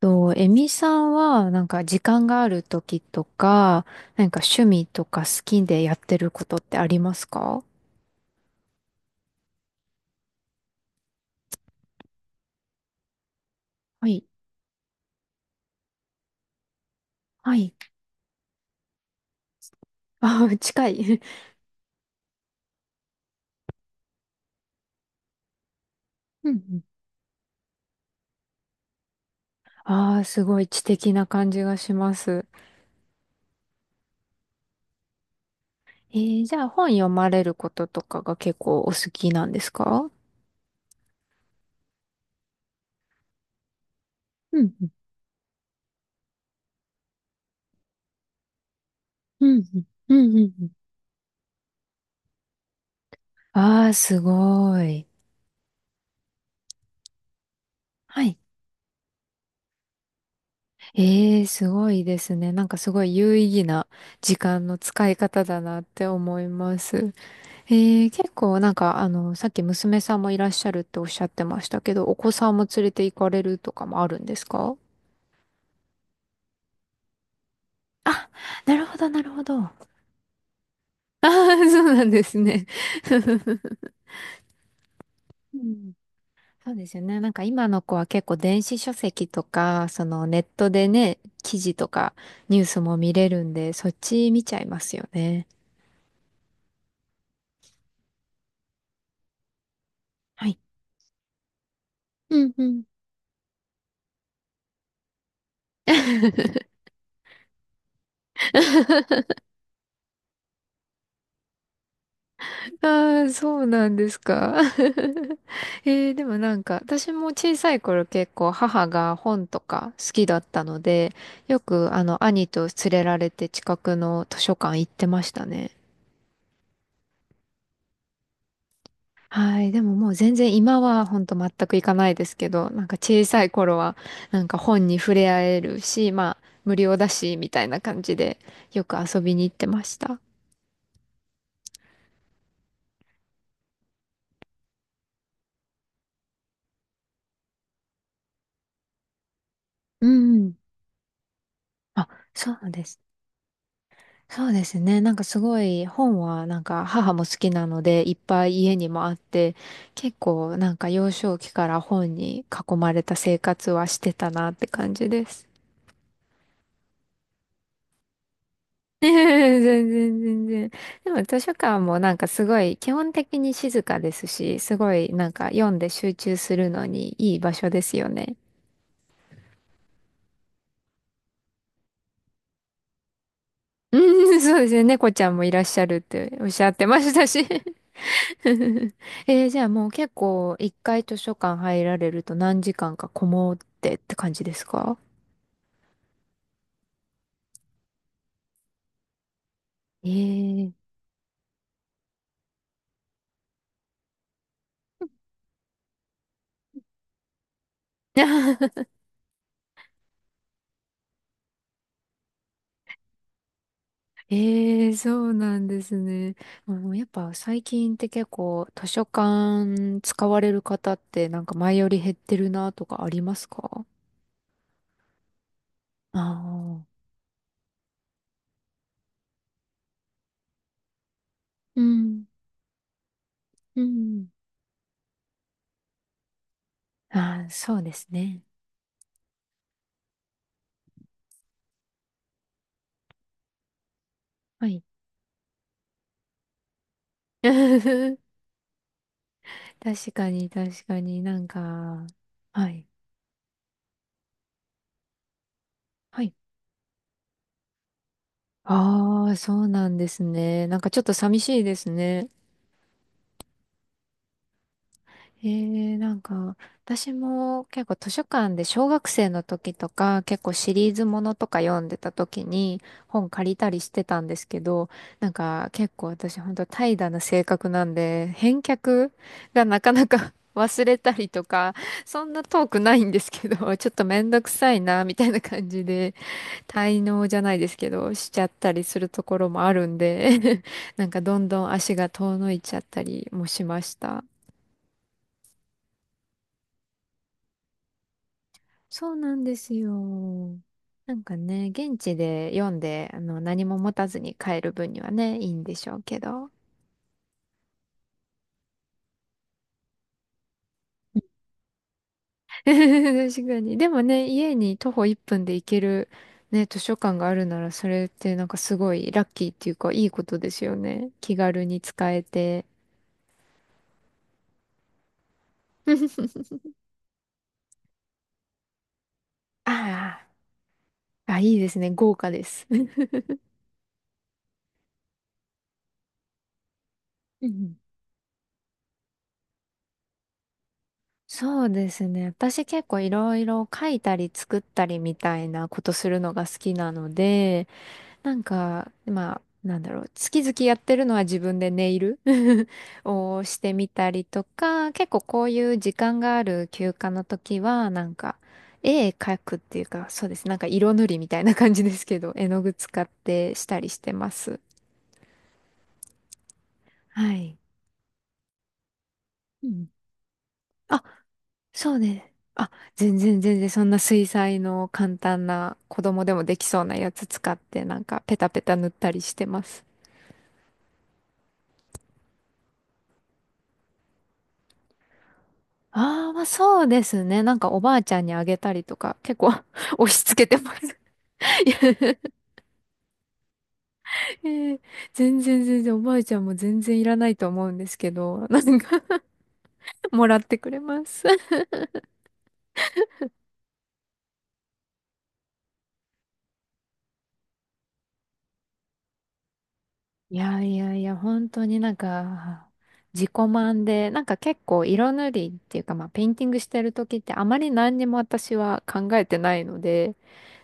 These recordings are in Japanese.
と、エミさんは、時間がある時とか、趣味とか好きでやってることってありますか？はい。はい。ああ、近い。うんうん。ああ、すごい知的な感じがします。えー、じゃあ本読まれることとかが結構お好きなんですか？うんうん。うんうん。うんうんうん。ああー、すごい。はい。ええ、すごいですね。なんかすごい有意義な時間の使い方だなって思います。えー、結構なんか、あの、さっき娘さんもいらっしゃるっておっしゃってましたけど、お子さんも連れて行かれるとかもあるんですか？あ、なるほど、なるほど。ああー、そうなんですね。うん、そうですよね。なんか今の子は結構電子書籍とか、そのネットでね、記事とかニュースも見れるんで、そっち見ちゃいますよね。はい。うんうん。ああ、そうなんですか。えー、でもなんか、私も小さい頃結構母が本とか好きだったので、よくあの兄と連れられて近くの図書館行ってましたね。はい。でももう全然今は本当全く行かないですけど、なんか小さい頃はなんか本に触れ合えるし、まあ無料だし、みたいな感じでよく遊びに行ってました。うん。あ、そうですね。そうですね。なんかすごい本はなんか母も好きなのでいっぱい家にもあって結構なんか幼少期から本に囲まれた生活はしてたなって感じです。全然全然。でも図書館もなんかすごい基本的に静かですし、すごいなんか読んで集中するのにいい場所ですよね。うん、そうですね。猫ちゃんもいらっしゃるっておっしゃってましたし。えー、じゃあもう結構一回図書館入られると何時間かこもってって感じですか？えー。えー、そうなんですね。もうやっぱ最近って結構図書館使われる方ってなんか前より減ってるなとかありますか？ああー、うん、うん。ああ、そうですね。はい。確かに、確かになんか、はい。はい。ああ、そうなんですね。なんかちょっと寂しいですね。えー、なんか、私も結構図書館で小学生の時とか結構シリーズものとか読んでた時に本借りたりしてたんですけど、なんか結構私本当怠惰な性格なんで、返却がなかなか 忘れたりとか、そんな遠くないんですけど、ちょっとめんどくさいな、みたいな感じで滞納じゃないですけど、しちゃったりするところもあるんで なんかどんどん足が遠のいちゃったりもしました。そうなんですよ。なんかね、現地で読んで、あの、何も持たずに帰る分にはね、いいんでしょうけど。確かに。でもね、家に徒歩1分で行ける、ね、図書館があるなら、それってなんかすごいラッキーっていうか、いいことですよね。気軽に使えて。ああ、あ、いいですね。豪華です。うん、そうですね。私結構いろいろ書いたり作ったりみたいなことするのが好きなので、なんか、まあ、なんだろう、月々やってるのは自分でネイル をしてみたりとか、結構こういう時間がある休暇の時は、なんか、絵描くっていうか、そうです。なんか色塗りみたいな感じですけど、絵の具使ってしたりしてます。はい。うん。そうね。あ、全然全然そんな水彩の簡単な子供でもできそうなやつ使ってなんかペタペタ塗ったりしてます。ああ、まあそうですね。なんかおばあちゃんにあげたりとか結構 押し付けてます。いや、えー、全然全然おばあちゃんも全然いらないと思うんですけど、なんか もらってくれます。いやいやいや、本当になんか、自己満で、なんか結構色塗りっていうか、まあ、ペインティングしてる時ってあまり何にも私は考えてないので、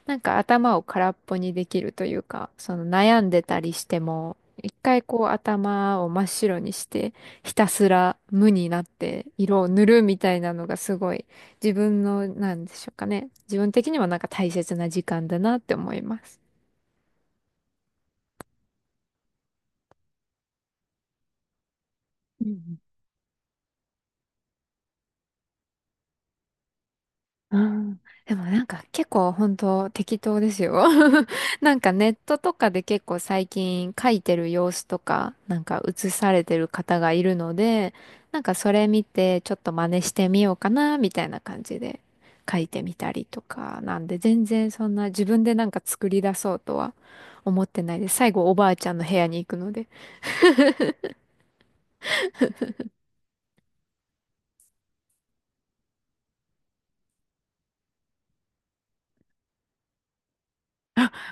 なんか頭を空っぽにできるというか、その悩んでたりしても、一回こう頭を真っ白にして、ひたすら無になって色を塗るみたいなのがすごい自分の、なんでしょうかね。自分的にはなんか大切な時間だなって思います。うん。でもなんか結構本当適当ですよ。なんかネットとかで結構最近書いてる様子とか、なんか写されてる方がいるので、なんかそれ見てちょっと真似してみようかな、みたいな感じで書いてみたりとか、なんで全然そんな自分でなんか作り出そうとは思ってないです。最後おばあちゃんの部屋に行くので、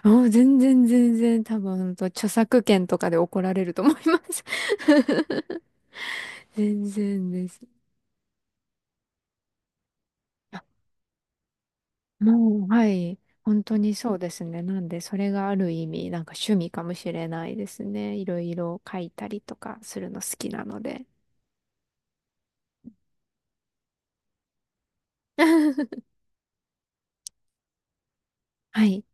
もう全然全然多分本当著作権とかで怒られると思います。全然です。もう、はい。本当にそうですね。なんで、それがある意味、なんか趣味かもしれないですね。いろいろ書いたりとかするの好きなので。はい。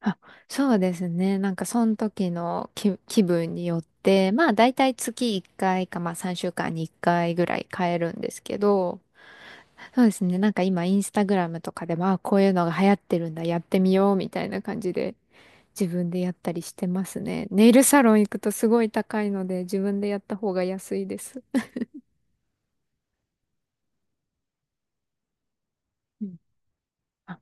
あ、そうですね。なんかその時の気、気分によって、まあ大体月1回かいか、まあ3週間に1回ぐらい変えるんですけど、そうですね。なんか今インスタグラムとかでも、まあ、こういうのが流行ってるんだ、やってみようみたいな感じで自分でやったりしてますね。ネイルサロン行くとすごい高いので、自分でやった方が安いです。うん。あ、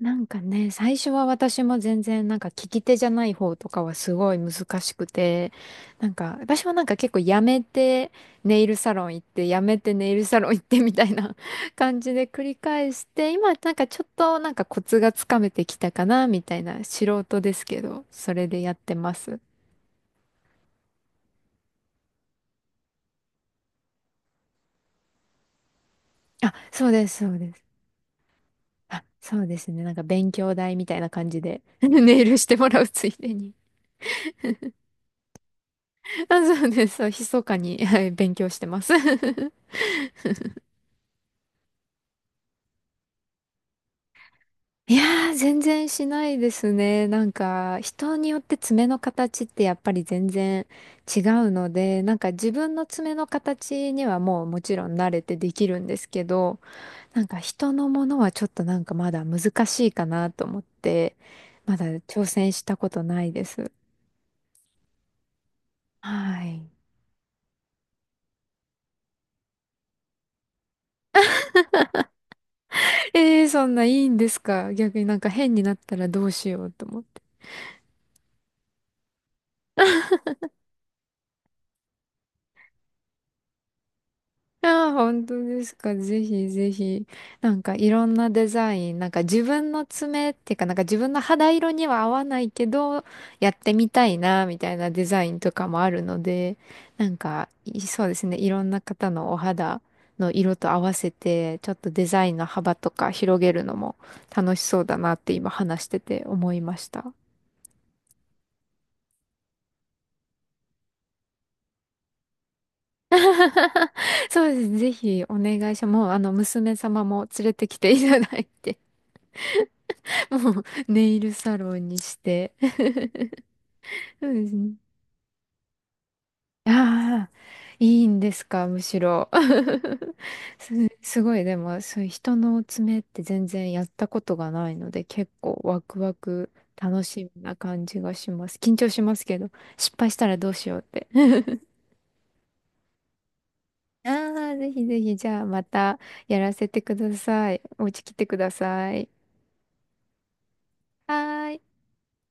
なんかね、最初は私も全然なんか利き手じゃない方とかはすごい難しくて、なんか私はなんか結構やめてネイルサロン行って、やめてネイルサロン行ってみたいな 感じで繰り返して、今なんかちょっとなんかコツがつかめてきたかなみたいな素人ですけど、それでやってます。あ、そうです、そうです。あ、そうですね。なんか勉強代みたいな感じで ネイルしてもらうついでに。あ、そうです。そう、密かに、はい、勉強してます。いやー、全然しないですね。なんか、人によって爪の形ってやっぱり全然違うので、なんか自分の爪の形にはもうもちろん慣れてできるんですけど、なんか人のものはちょっとなんかまだ難しいかなと思って、まだ挑戦したことないです。はい。ええー、そんないいんですか？逆になんか変になったらどうしようと思って。ああ、本当ですか？ぜひぜひ。なんかいろんなデザイン、なんか自分の爪っていうかなんか自分の肌色には合わないけど、やってみたいな、みたいなデザインとかもあるので、なんか、いそうですね。いろんな方のお肌の色と合わせて、ちょっとデザインの幅とか広げるのも楽しそうだなって今話してて思いました。そうですね。ぜひお願いします。もう、あの、娘様も連れてきていただいて、もう、ネイルサロンにして。そうですね。ああ、いいんですか、むしろ。す、すごい、でも、そういう人の爪って全然やったことがないので、結構ワクワク、楽しみな感じがします。緊張しますけど、失敗したらどうしようって。ああ、ぜひぜひ、じゃあまたやらせてください。お家来てください。はーい。